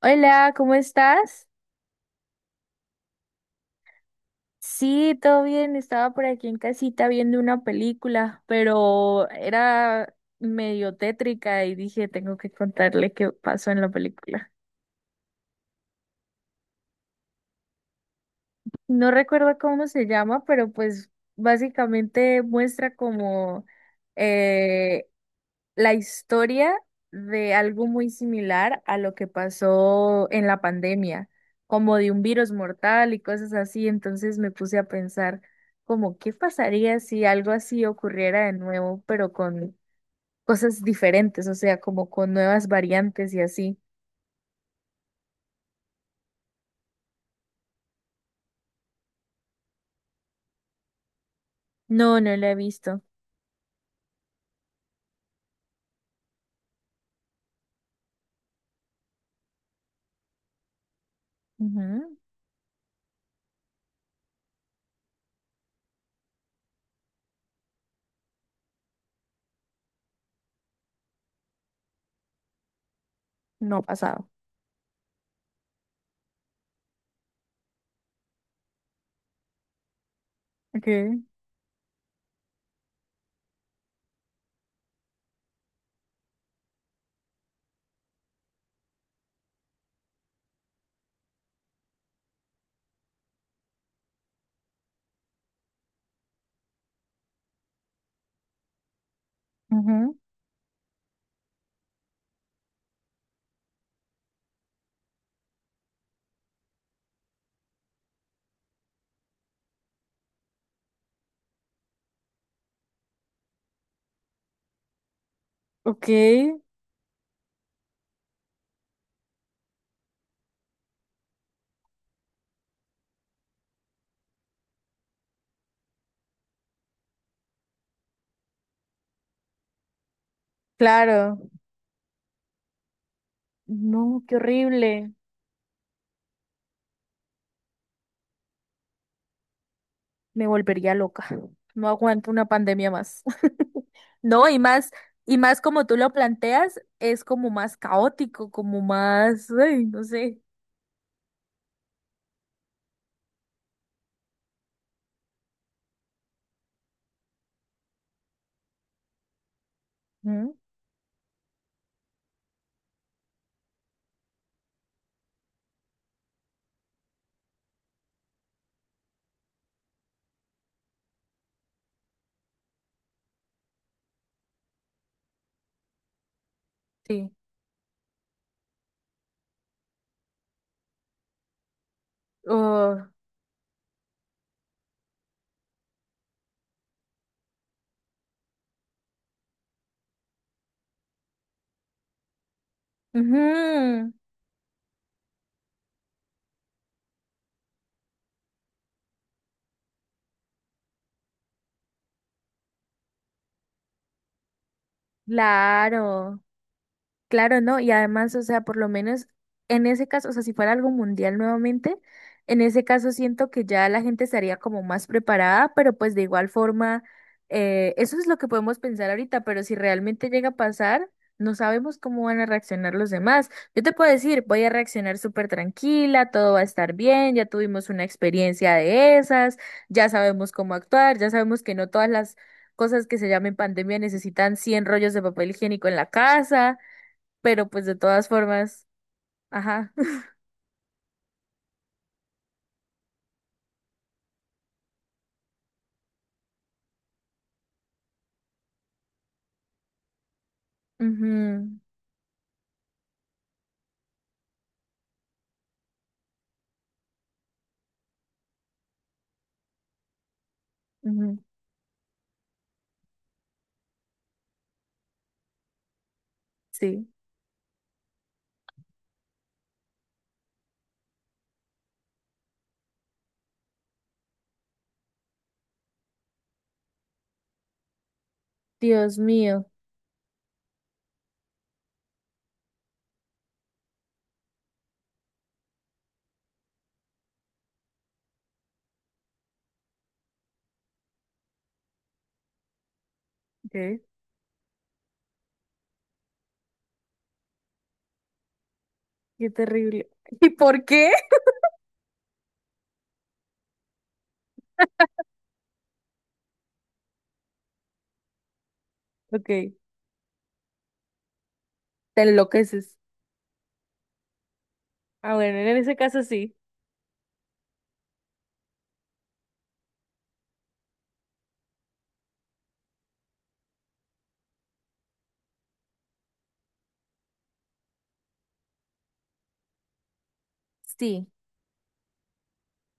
Hola, ¿cómo estás? Sí, todo bien. Estaba por aquí en casita viendo una película, pero era medio tétrica y dije, tengo que contarle qué pasó en la película. No recuerdo cómo se llama, pero pues básicamente muestra como eh la historia de algo muy similar a lo que pasó en la pandemia, como de un virus mortal y cosas así. Entonces me puse a pensar como qué pasaría si algo así ocurriera de nuevo, pero con cosas diferentes, o sea, como con nuevas variantes y así. No, no la he visto. Ujú. No ha pasado. Okay. Ujú. Ok. Claro. No, qué horrible. Me volvería loca. No aguanto una pandemia más. No, y más como tú lo planteas, es como más caótico, como más, ay, no sé. Ujú. Sí. Oh. Ujú. Claro. Claro, ¿no? Y además, o sea, por lo menos en ese caso, o sea, si fuera algo mundial nuevamente, en ese caso siento que ya la gente estaría como más preparada, pero pues de igual forma, eso es lo que podemos pensar ahorita, pero si realmente llega a pasar, no sabemos cómo van a reaccionar los demás. Yo te puedo decir, voy a reaccionar súper tranquila, todo va a estar bien, ya tuvimos una experiencia de esas, ya sabemos cómo actuar, ya sabemos que no todas las cosas que se llamen pandemia necesitan 100 rollos de papel higiénico en la casa pero pues de todas formas, ajá. Ujú, ujú, sí. Dios mío. Ok. Qué terrible. ¿Y por qué? Ok. Te enloqueces. Ah, bueno, en ese caso sí. Sí,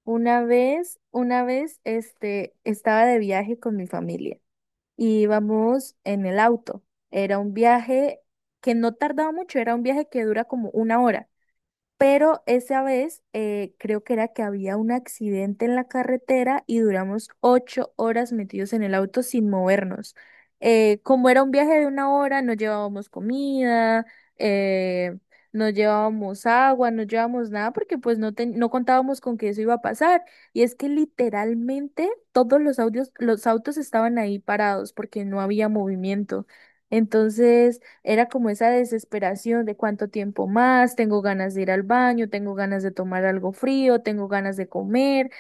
una vez, estaba de viaje con mi familia y íbamos en el auto. Era un viaje que no tardaba mucho, era un viaje que dura como 1 hora. Pero esa vez creo que era que había un accidente en la carretera y duramos 8 horas metidos en el auto sin movernos. Como era un viaje de 1 hora, no llevábamos comida, eh, no llevábamos agua, no llevábamos nada porque pues no, no contábamos con que eso iba a pasar. Y es que literalmente todos los autos estaban ahí parados porque no había movimiento. Entonces... Era como esa desesperación de cuánto tiempo más, tengo ganas de ir al baño, tengo ganas de tomar algo frío, tengo ganas de comer.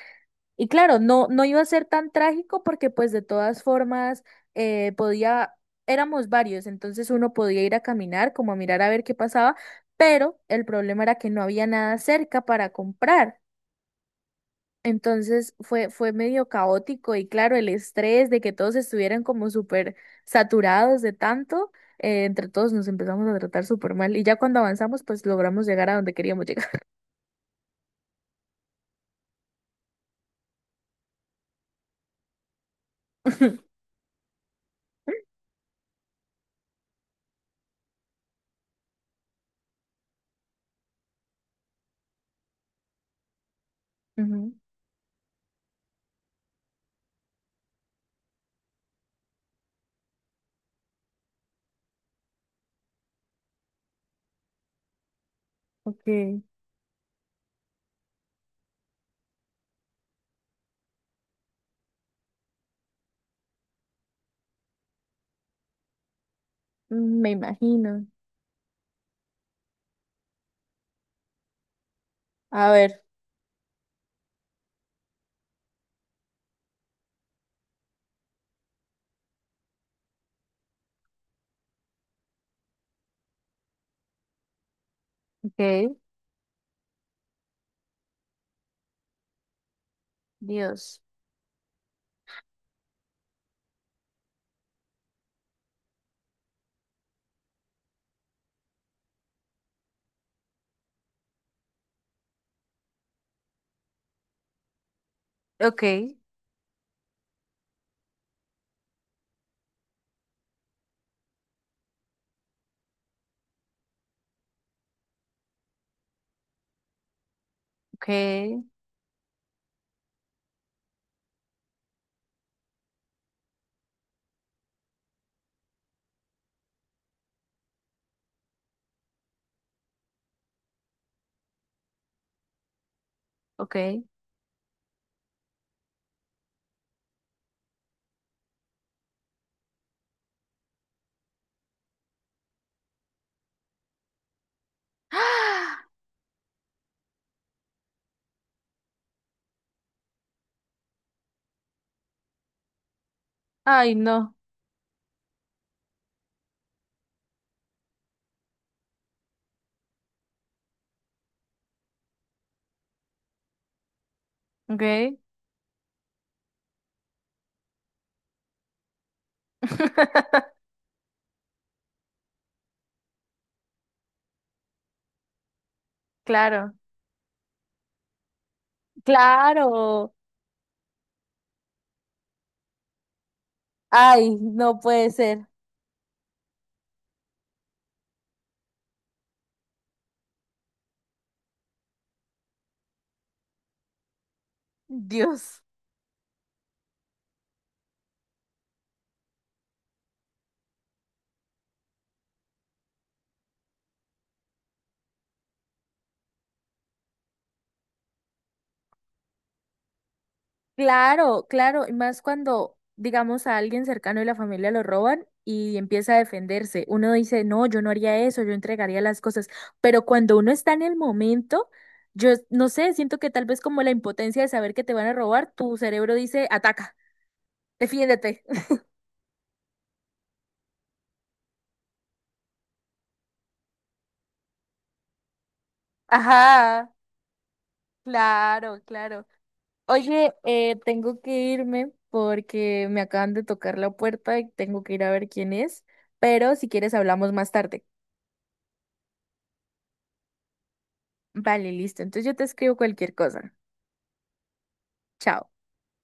Y claro, no, no iba a ser tan trágico porque pues de todas formas eh, podía, éramos varios, entonces uno podía ir a caminar, como a mirar a ver qué pasaba, pero el problema era que no había nada cerca para comprar. Entonces fue medio caótico y claro, el estrés de que todos estuvieran como súper saturados de tanto, entre todos nos empezamos a tratar súper mal y ya cuando avanzamos pues logramos llegar a donde queríamos llegar. Ujú. Ok. Me imagino. A ver, ok, Dios. Ok, ok, ok. ¡Ah! Ay, no. Ok. claro. Claro. Ay, no puede ser. Dios. Claro, claro, y más cuando, digamos, a alguien cercano de la familia lo roban y empieza a defenderse. Uno dice, no, yo no haría eso, yo entregaría las cosas. Pero cuando uno está en el momento, yo no sé, siento que tal vez como la impotencia de saber que te van a robar, tu cerebro dice, ataca, defiéndete. Ajá, claro, claro. Oye, tengo que irme porque me acaban de tocar la puerta y tengo que ir a ver quién es, pero si quieres hablamos más tarde. Vale, listo. Entonces yo te escribo cualquier cosa. Chao.